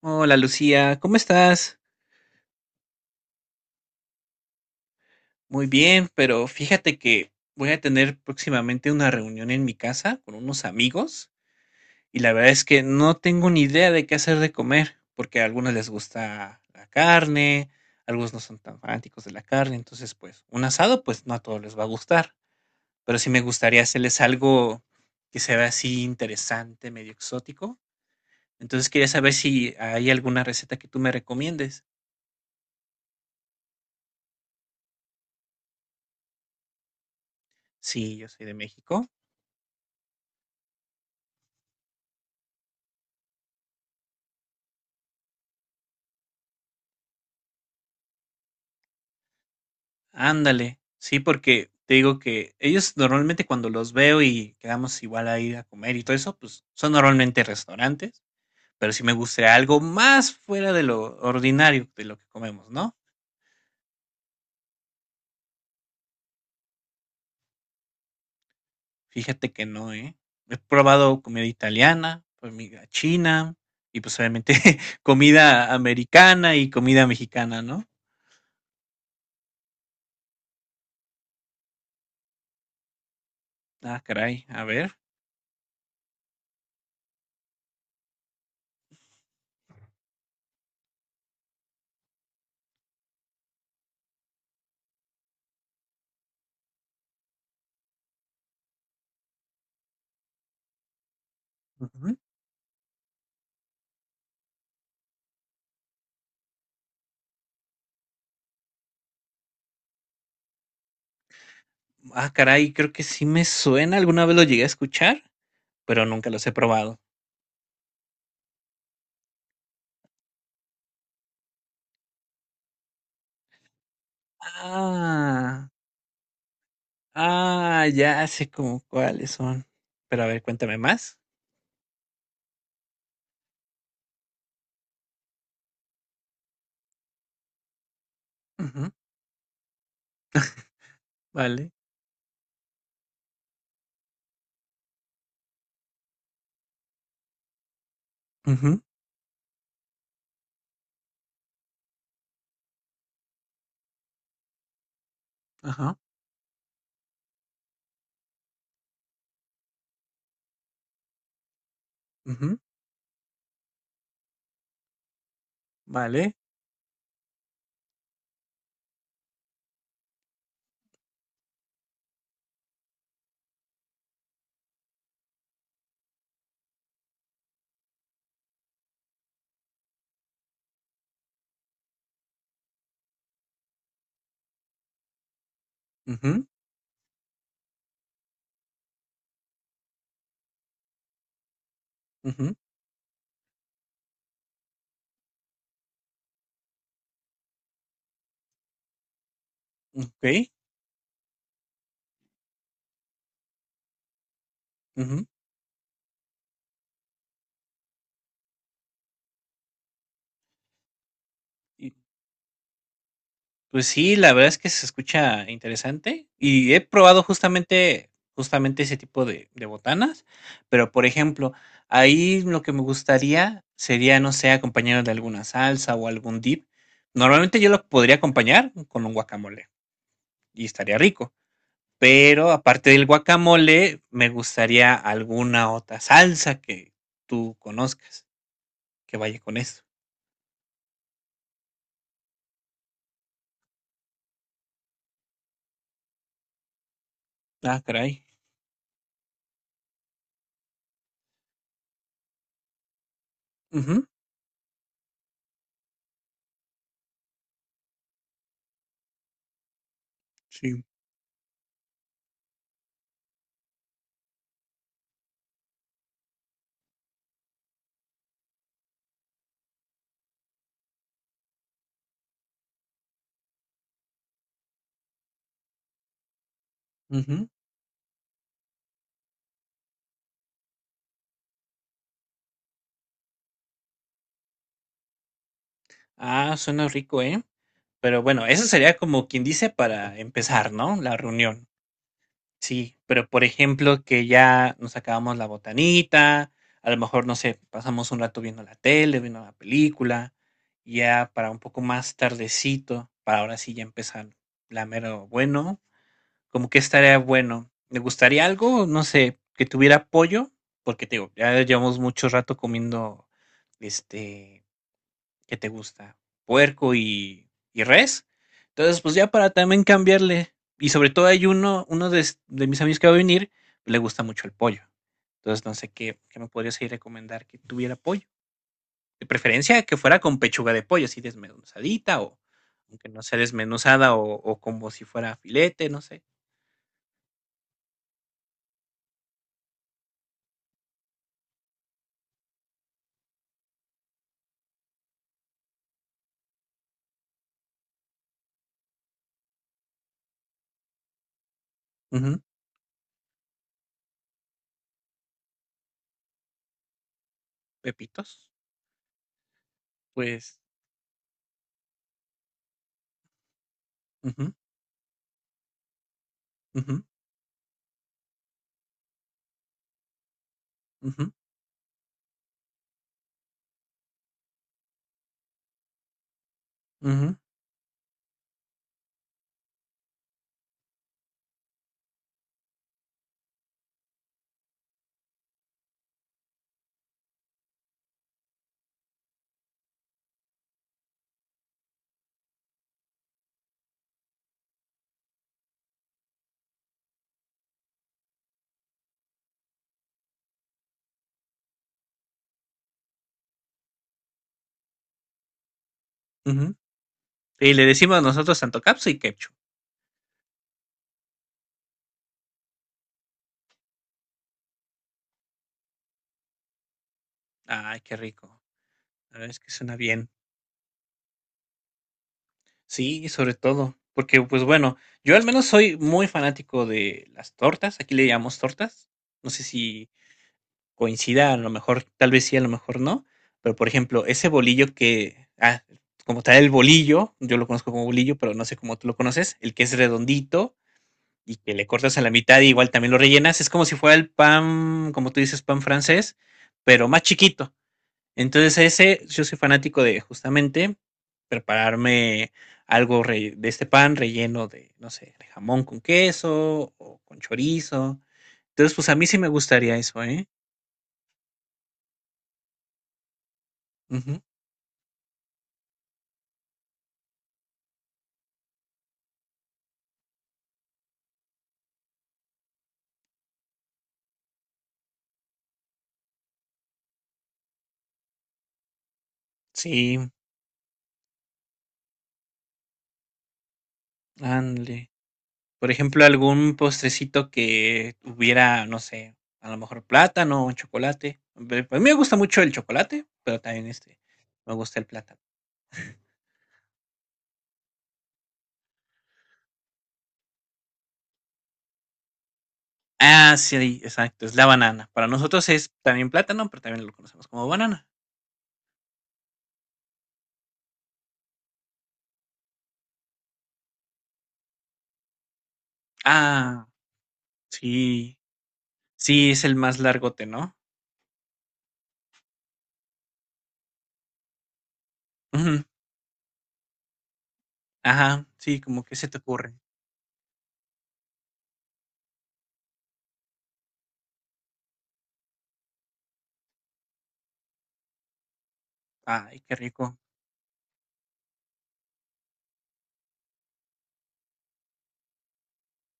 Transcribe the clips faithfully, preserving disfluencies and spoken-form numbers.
Hola Lucía, ¿cómo estás? Muy bien, pero fíjate que voy a tener próximamente una reunión en mi casa con unos amigos y la verdad es que no tengo ni idea de qué hacer de comer, porque a algunos les gusta la carne, algunos no son tan fanáticos de la carne, entonces pues un asado pues no a todos les va a gustar, pero sí me gustaría hacerles algo que se vea así interesante, medio exótico. Entonces quería saber si hay alguna receta que tú me recomiendes. Sí, yo soy de México. Ándale, sí, porque te digo que ellos normalmente cuando los veo y quedamos igual a ir a comer y todo eso, pues son normalmente restaurantes, pero si me gustaría algo más fuera de lo ordinario de lo que comemos, ¿no? Fíjate que no, ¿eh? He probado comida italiana, comida china y pues obviamente comida americana y comida mexicana, ¿no? Ah, caray, a ver. Ujú. Ah, caray, creo que sí me suena, alguna vez lo llegué a escuchar, pero nunca los he probado. Ah, ah, ya sé como cuáles son. Pero a ver, cuéntame más. Ujú, vale. Ujú, ajá. Ujú, vale. Ujú, ujú, okey. Ujú. Y pues sí, la verdad es que se escucha interesante, y he probado justamente justamente ese tipo de de botanas, pero, por ejemplo, ahí lo que me gustaría sería, no sé, acompañarlo de alguna salsa o algún dip. Normalmente yo lo podría acompañar con un guacamole, y estaría rico. Pero aparte del guacamole, me gustaría alguna otra salsa que tú conozcas que vaya con eso. Ah, caray. Ujú, sí. Ujú. Ah, suena rico, ¿eh? Pero bueno, eso sería como quien dice para empezar, ¿no? La reunión. Sí, pero por ejemplo, que ya nos acabamos la botanita, a lo mejor, no sé, pasamos un rato viendo la tele, viendo la película, ya para un poco más tardecito, para ahora sí ya empezar la mero bueno, como que estaría bueno. Me gustaría algo, no sé, que tuviera pollo, porque te digo, ya llevamos mucho rato comiendo, este, ¿qué te gusta? Puerco y, y res. Entonces, pues ya para también cambiarle. Y sobre todo hay uno, uno de, de mis amigos que va a venir, le gusta mucho el pollo. Entonces, no sé qué, qué me podrías ahí recomendar que tuviera pollo. De preferencia que fuera con pechuga de pollo, así desmenuzadita o aunque no sea desmenuzada o, o como si fuera filete, no sé. Pepitos, pues. Ujú, ujú, ujú, ujú, ujú. Y le decimos nosotros tanto catsup y ketchup. Ay, qué rico. La verdad es que suena bien. Sí, sobre todo, porque pues bueno, yo al menos soy muy fanático de las tortas, aquí le llamamos tortas. No sé si coincida, a lo mejor, tal vez sí, a lo mejor no, pero por ejemplo, ese bolillo que, ah, como tal el bolillo, yo lo conozco como bolillo, pero no sé cómo tú lo conoces, el que es redondito, y que le cortas a la mitad y igual también lo rellenas. Es como si fuera el pan, como tú dices, pan francés, pero más chiquito. Entonces ese, yo soy fanático de justamente prepararme algo re- de este pan relleno de, no sé, de jamón con queso o con chorizo. Entonces, pues a mí sí me gustaría eso, ¿eh? Ujú. Sí, ándale. Por ejemplo, algún postrecito que tuviera, no sé, a lo mejor plátano o chocolate. Ve, pues, a mí me gusta mucho el chocolate, pero también, este, me gusta el plátano. Ah, sí, exacto, es la banana. Para nosotros es también plátano, pero también lo conocemos como banana. Ah, sí. Sí, es el más largote, ¿no? Ujú. Ajá, sí, como que se te ocurre. Ay, qué rico.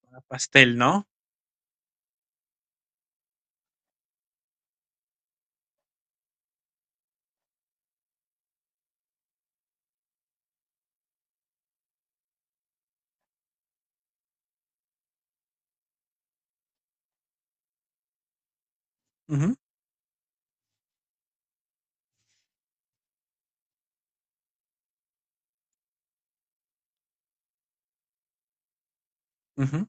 Para pastel, ¿no? Ujú, ujú.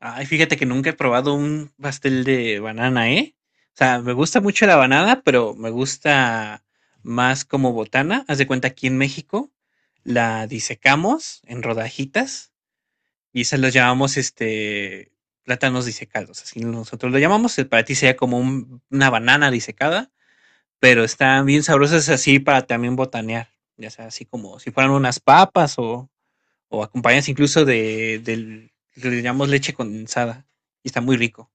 Ay, fíjate que nunca he probado un pastel de banana, ¿eh? O sea, me gusta mucho la banana, pero me gusta más como botana. Haz de cuenta, aquí en México la disecamos en rodajitas y esas los llamamos este plátanos disecados. Así nosotros lo llamamos. eh, Para ti sería como un- una banana disecada, pero están bien sabrosas así para también botanear. Ya sea, así como si fueran unas papas o o acompañas incluso de, del, le llamamos leche condensada y está muy rico.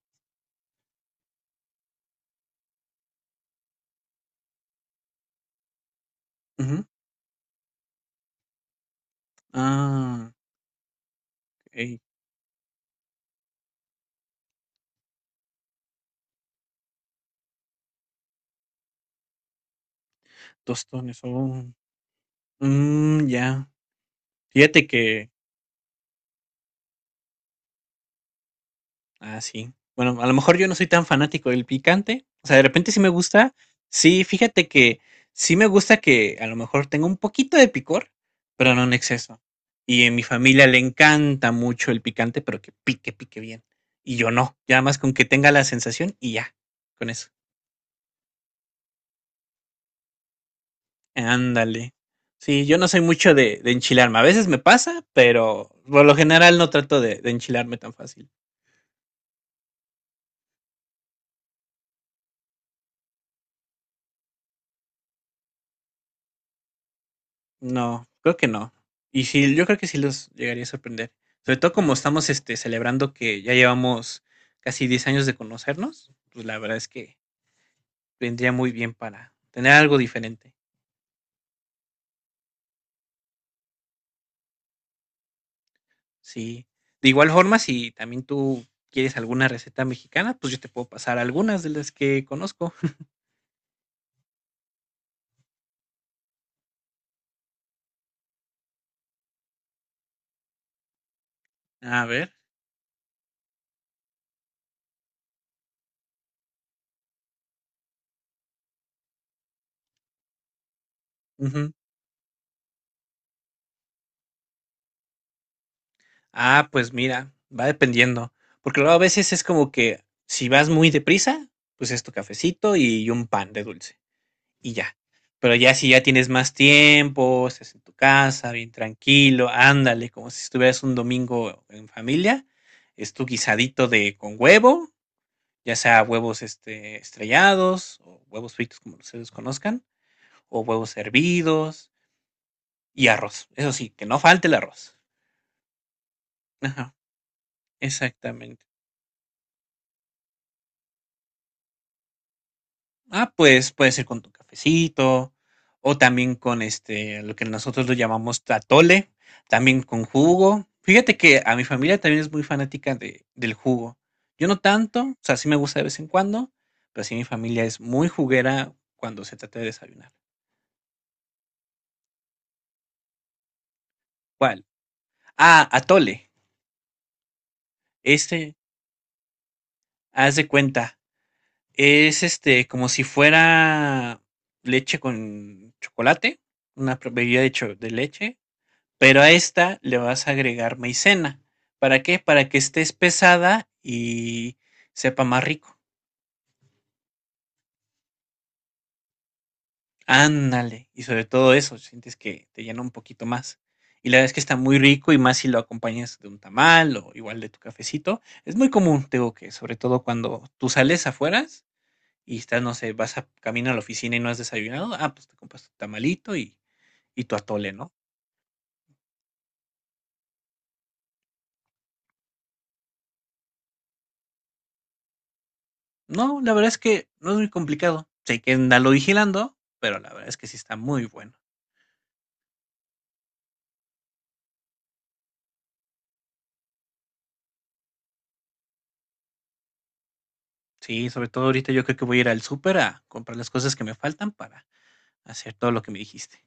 Ujú. Ah, ok, tostones, oh, mm, ya. Fíjate que, ah, sí. Bueno, a lo mejor yo no soy tan fanático del picante, o sea, de repente sí me gusta, sí, fíjate que sí me gusta que a lo mejor tenga un poquito de picor, pero no en exceso. Y en mi familia le encanta mucho el picante, pero que pique, pique bien. Y yo no, ya más con que tenga la sensación y ya, con eso. Ándale. Sí, yo no soy mucho de, de enchilarme. A veces me pasa, pero por lo general no trato de, de enchilarme tan fácil. No, creo que no. Y sí, yo creo que sí los llegaría a sorprender. Sobre todo como estamos este, celebrando que ya llevamos casi diez años de conocernos, pues la verdad es que vendría muy bien para tener algo diferente. Sí. De igual forma, si también tú quieres alguna receta mexicana, pues yo te puedo pasar algunas de las que conozco. A ver. Ah, pues mira, va dependiendo, porque luego a veces es como que si vas muy deprisa, pues es tu cafecito y un pan de dulce y ya. Pero ya si ya tienes más tiempo, estás en tu casa, bien tranquilo, ándale, como si estuvieras un domingo en familia, es tu guisadito de con huevo, ya sea huevos este, estrellados o huevos fritos como ustedes conozcan, o huevos hervidos y arroz. Eso sí, que no falte el arroz. Ajá, exactamente. Ah, pues, puede ser con tu cafecito o también con, este, lo que nosotros lo llamamos atole, también con jugo. Fíjate que a mi familia también es muy fanática de del jugo. Yo no tanto, o sea, sí me gusta de vez en cuando, pero sí mi familia es muy juguera cuando se trata de desayunar. ¿Cuál? Ah, atole. Este, haz de cuenta, es, este, como si fuera leche con chocolate, una pro- bebida de cho de leche. Pero a esta le vas a agregar maicena. ¿Para qué? Para que esté espesada y sepa más rico. Ándale. Y sobre todo eso, sientes que te llena un poquito más. Y la verdad es que está muy rico y más si lo acompañas de un tamal o igual de tu cafecito. Es muy común, te digo que, sobre todo cuando tú sales afuera y estás, no sé, vas a camino a la oficina y no has desayunado, ah, pues te compras tu tamalito y, y tu atole, ¿no? No, la verdad es que no es muy complicado. Sé que andalo vigilando, pero la verdad es que sí está muy bueno. Sí, sobre todo ahorita yo creo que voy a ir al súper a comprar las cosas que me faltan para hacer todo lo que me dijiste.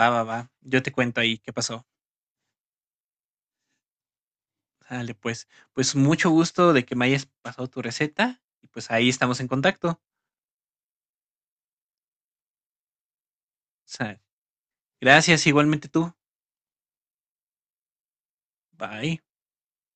Va, va, va. Yo te cuento ahí qué pasó. Sale, pues. Pues mucho gusto de que me hayas pasado tu receta y pues ahí estamos en contacto. Sa- gracias igualmente tú. Bye.